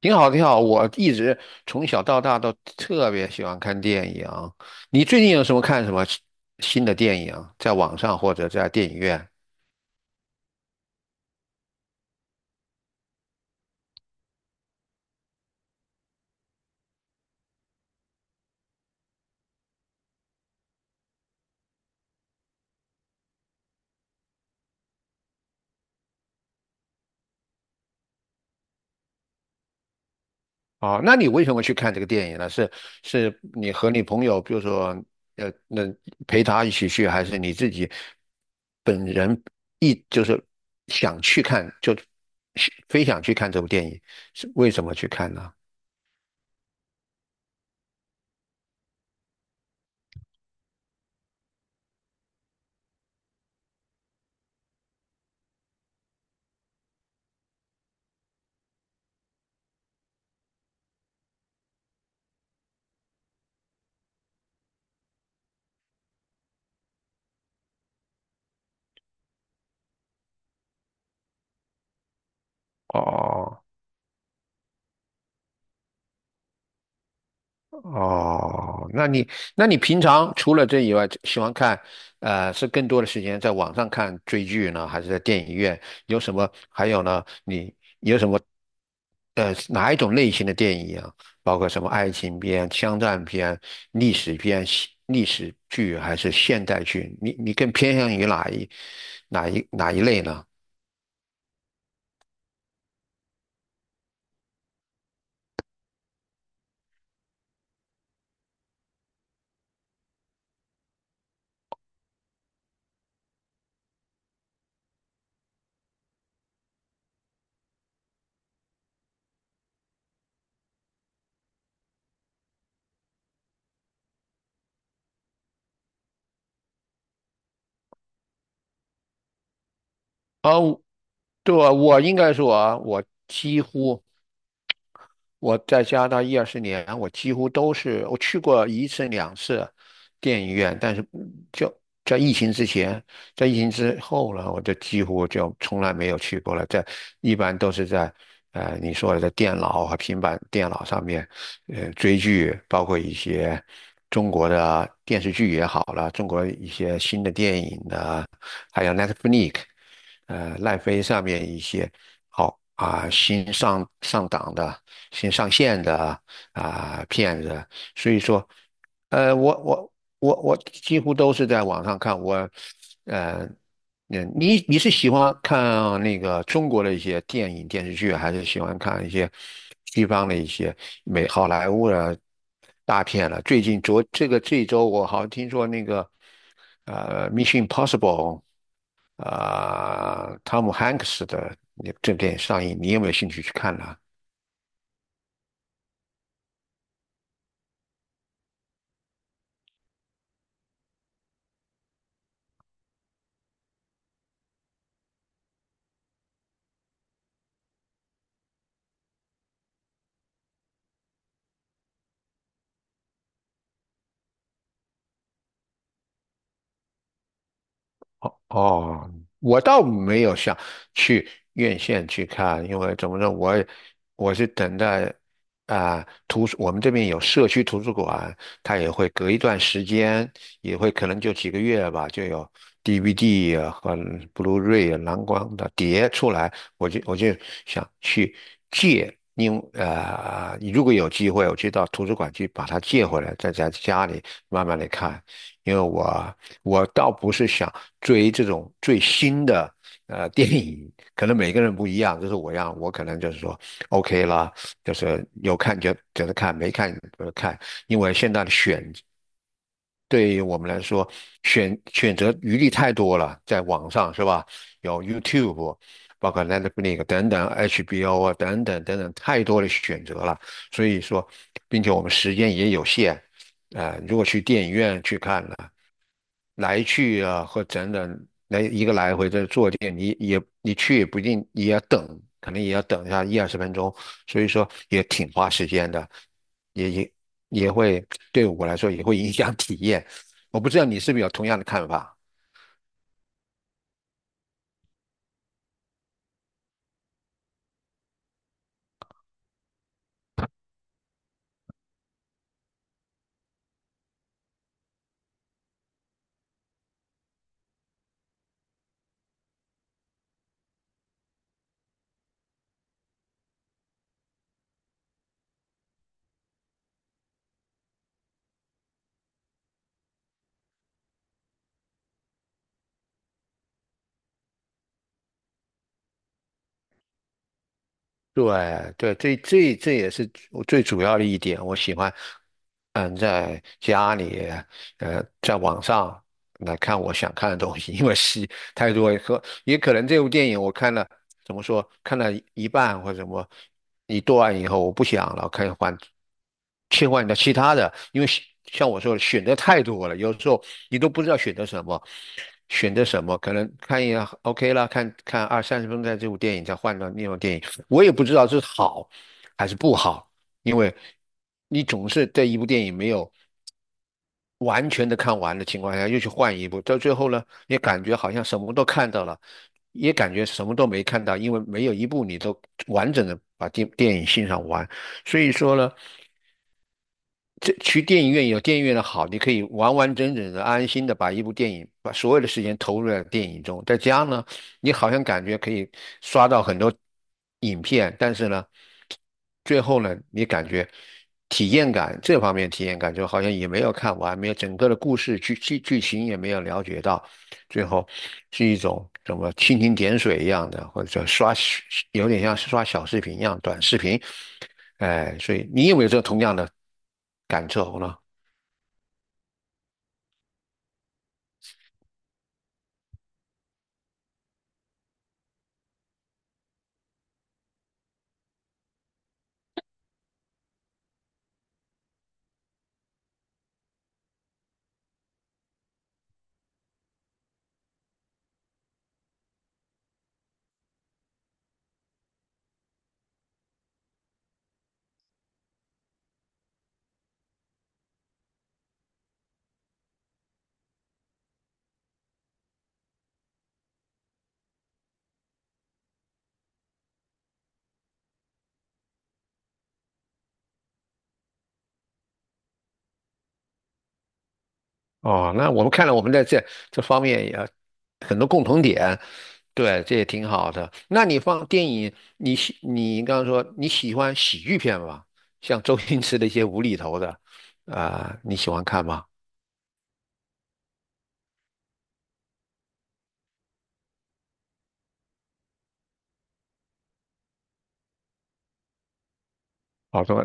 挺好，挺好。我一直从小到大都特别喜欢看电影。你最近有什么看什么新的电影，在网上或者在电影院？哦，那你为什么去看这个电影呢？是是你和你朋友，比如说，那陪他一起去，还是你自己本人一就是想去看，就非想去看这部电影，是为什么去看呢？哦。哦，那你平常除了这以外，喜欢看，是更多的时间在网上看追剧呢，还是在电影院？有什么？还有呢？你有什么？哪一种类型的电影啊？包括什么爱情片、枪战片、历史片、历史剧还是现代剧？你更偏向于哪一类呢？对，我应该说啊，我几乎。我在加拿大一二十年，我几乎都是我去过一次两次电影院，但是就在疫情之前，在疫情之后呢，我就几乎就从来没有去过了。一般都是在你说的在电脑和平板电脑上面，追剧，包括一些中国的电视剧也好了，中国一些新的电影的。奈飞上面一些好啊、新上档的、新上线的啊、片子，所以说，呃，我我我几乎都是在网上看。我，呃，嗯，你你是喜欢看那个中国的一些电影电视剧，还是喜欢看一些西方的一些好莱坞的大片了？最近昨这个这一周，我好像听说《Mission Impossible》啊、汤姆汉克斯的这部电影上映，你有没有兴趣去看呢？哦，我倒没有想去院线去看，因为怎么说，我是等待啊、我们这边有社区图书馆，它也会隔一段时间，也会可能就几个月吧，就有 DVD 啊和 Blu-ray 啊蓝光的碟出来，我就想去借。如果有机会，我去到图书馆去把它借回来，在家里慢慢的看。因为我倒不是想追这种最新的电影，可能每个人不一样。就是我一样，我可能就是说 OK 啦，就是有看就是看，没看就看。因为现在的对于我们来说，选择余地太多了，在网上是吧？有 YouTube，包括 l e t f l i x 等等，HBO 啊等等等等，太多的选择了。所以说，并且我们时间也有限，如果去电影院去看呢。来去啊，或等等，来一个来回的坐垫，你去也不一定也要等，可能也要等一下一二十分钟，所以说也挺花时间的，也也也会对我来说也会影响体验。我不知道你是不是有同样的看法？对对，这也是我最主要的一点，我喜欢在家里在网上来看我想看的东西，因为是。太多也说也可能这部电影我看了，怎么说，看了一半或者什么一段以后，我不想了，切换到其他的，因为像我说的选择太多了，有时候你都不知道选择什么，选择什么，可能看一下 OK 了，看看二三十分钟的这部电影，再换到另外电影，我也不知道这是好还是不好，因为你总是这一部电影没有。完全的看完的情况下，又去换一部，到最后呢，也感觉好像什么都看到了，也感觉什么都没看到，因为没有一部你都完整的把电影欣赏完。所以说呢，这去电影院有电影院的好，你可以完完整整的、安心的把一部电影，把所有的时间投入在电影中。在家呢，你好像感觉可以刷到很多影片，但是呢，最后呢，你感觉体验感这方面体验感就好像也没有看完，没有整个的故事剧情也没有了解到，最后是一种什么蜻蜓点水一样的，或者有点像是刷小视频一样短视频。哎，所以你有没有这同样的感受呢？哦，那我们看来我们在这这方面也很多共同点，对，这也挺好的。那你放电影，你刚刚说你喜欢喜剧片吗？像周星驰的一些无厘头的，啊、你喜欢看吗？好多。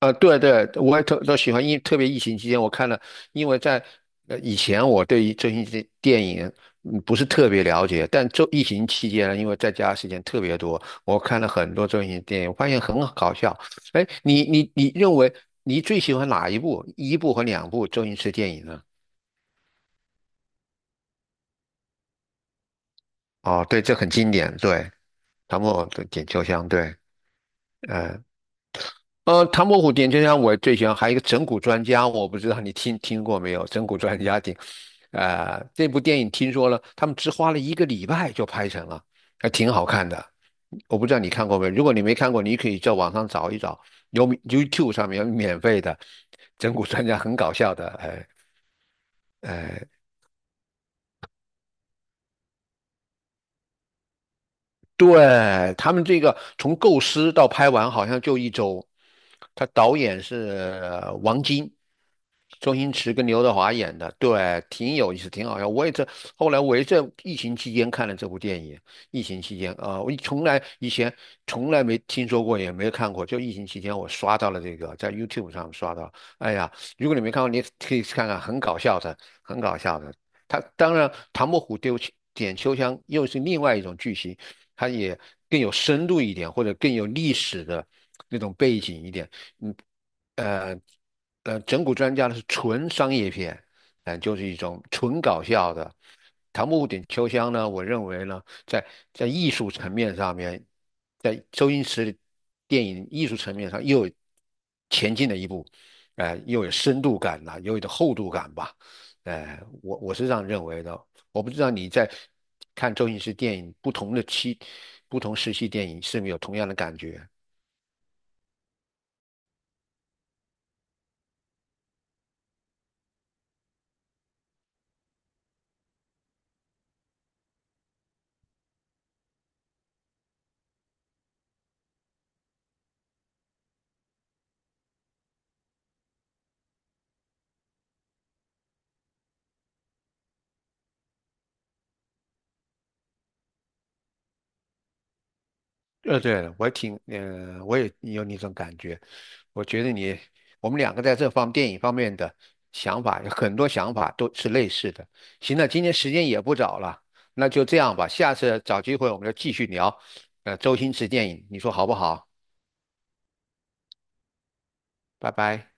对对，我也特都喜欢，特别疫情期间我看了，因为以前我对于星驰电影不是特别了解，但疫情期间呢，因为在家时间特别多，我看了很多周星驰电影，我发现很搞笑。哎，你认为你最喜欢哪一部和两部周星驰电影呢？哦，对，这很经典，对，唐伯虎点秋香，对，呃唐伯虎点秋香我最喜欢，还有一个整蛊专家，我不知道你听过没有？整蛊专家挺，这部电影听说了，他们只花了一个礼拜就拍成了，还挺好看的。我不知道你看过没有？如果你没看过，你可以在网上找一找，有 YouTube 上面有免费的整蛊专家，很搞笑的。哎哎，对，他们这个从构思到拍完好像就一周，他导演是王晶。周星驰跟刘德华演的，对，挺有意思，挺好笑。我也这后来我也在疫情期间看了这部电影，疫情期间啊、我以前从来没听说过，也没看过，就疫情期间我刷到了这个，在 YouTube 上刷到。哎呀，如果你没看过，你可以去看看，很搞笑的，很搞笑的。他当然，唐伯虎点秋香又是另外一种剧情，它也更有深度一点，或者更有历史的那种背景一点，嗯。呃。整蛊专家呢是纯商业片，就是一种纯搞笑的。唐伯虎点秋香呢，我认为呢，在艺术层面上面，在周星驰的电影艺术层面上又有前进了一步，又有深度感了，又有点厚度感吧，我是这样认为的。我不知道你在看周星驰电影不同时期电影是不是有同样的感觉？对了，我也有那种感觉。我觉得我们两个在电影方面的想法，有很多想法都是类似的。行了，今天时间也不早了，那就这样吧，下次找机会我们就继续聊，周星驰电影，你说好不好？拜拜。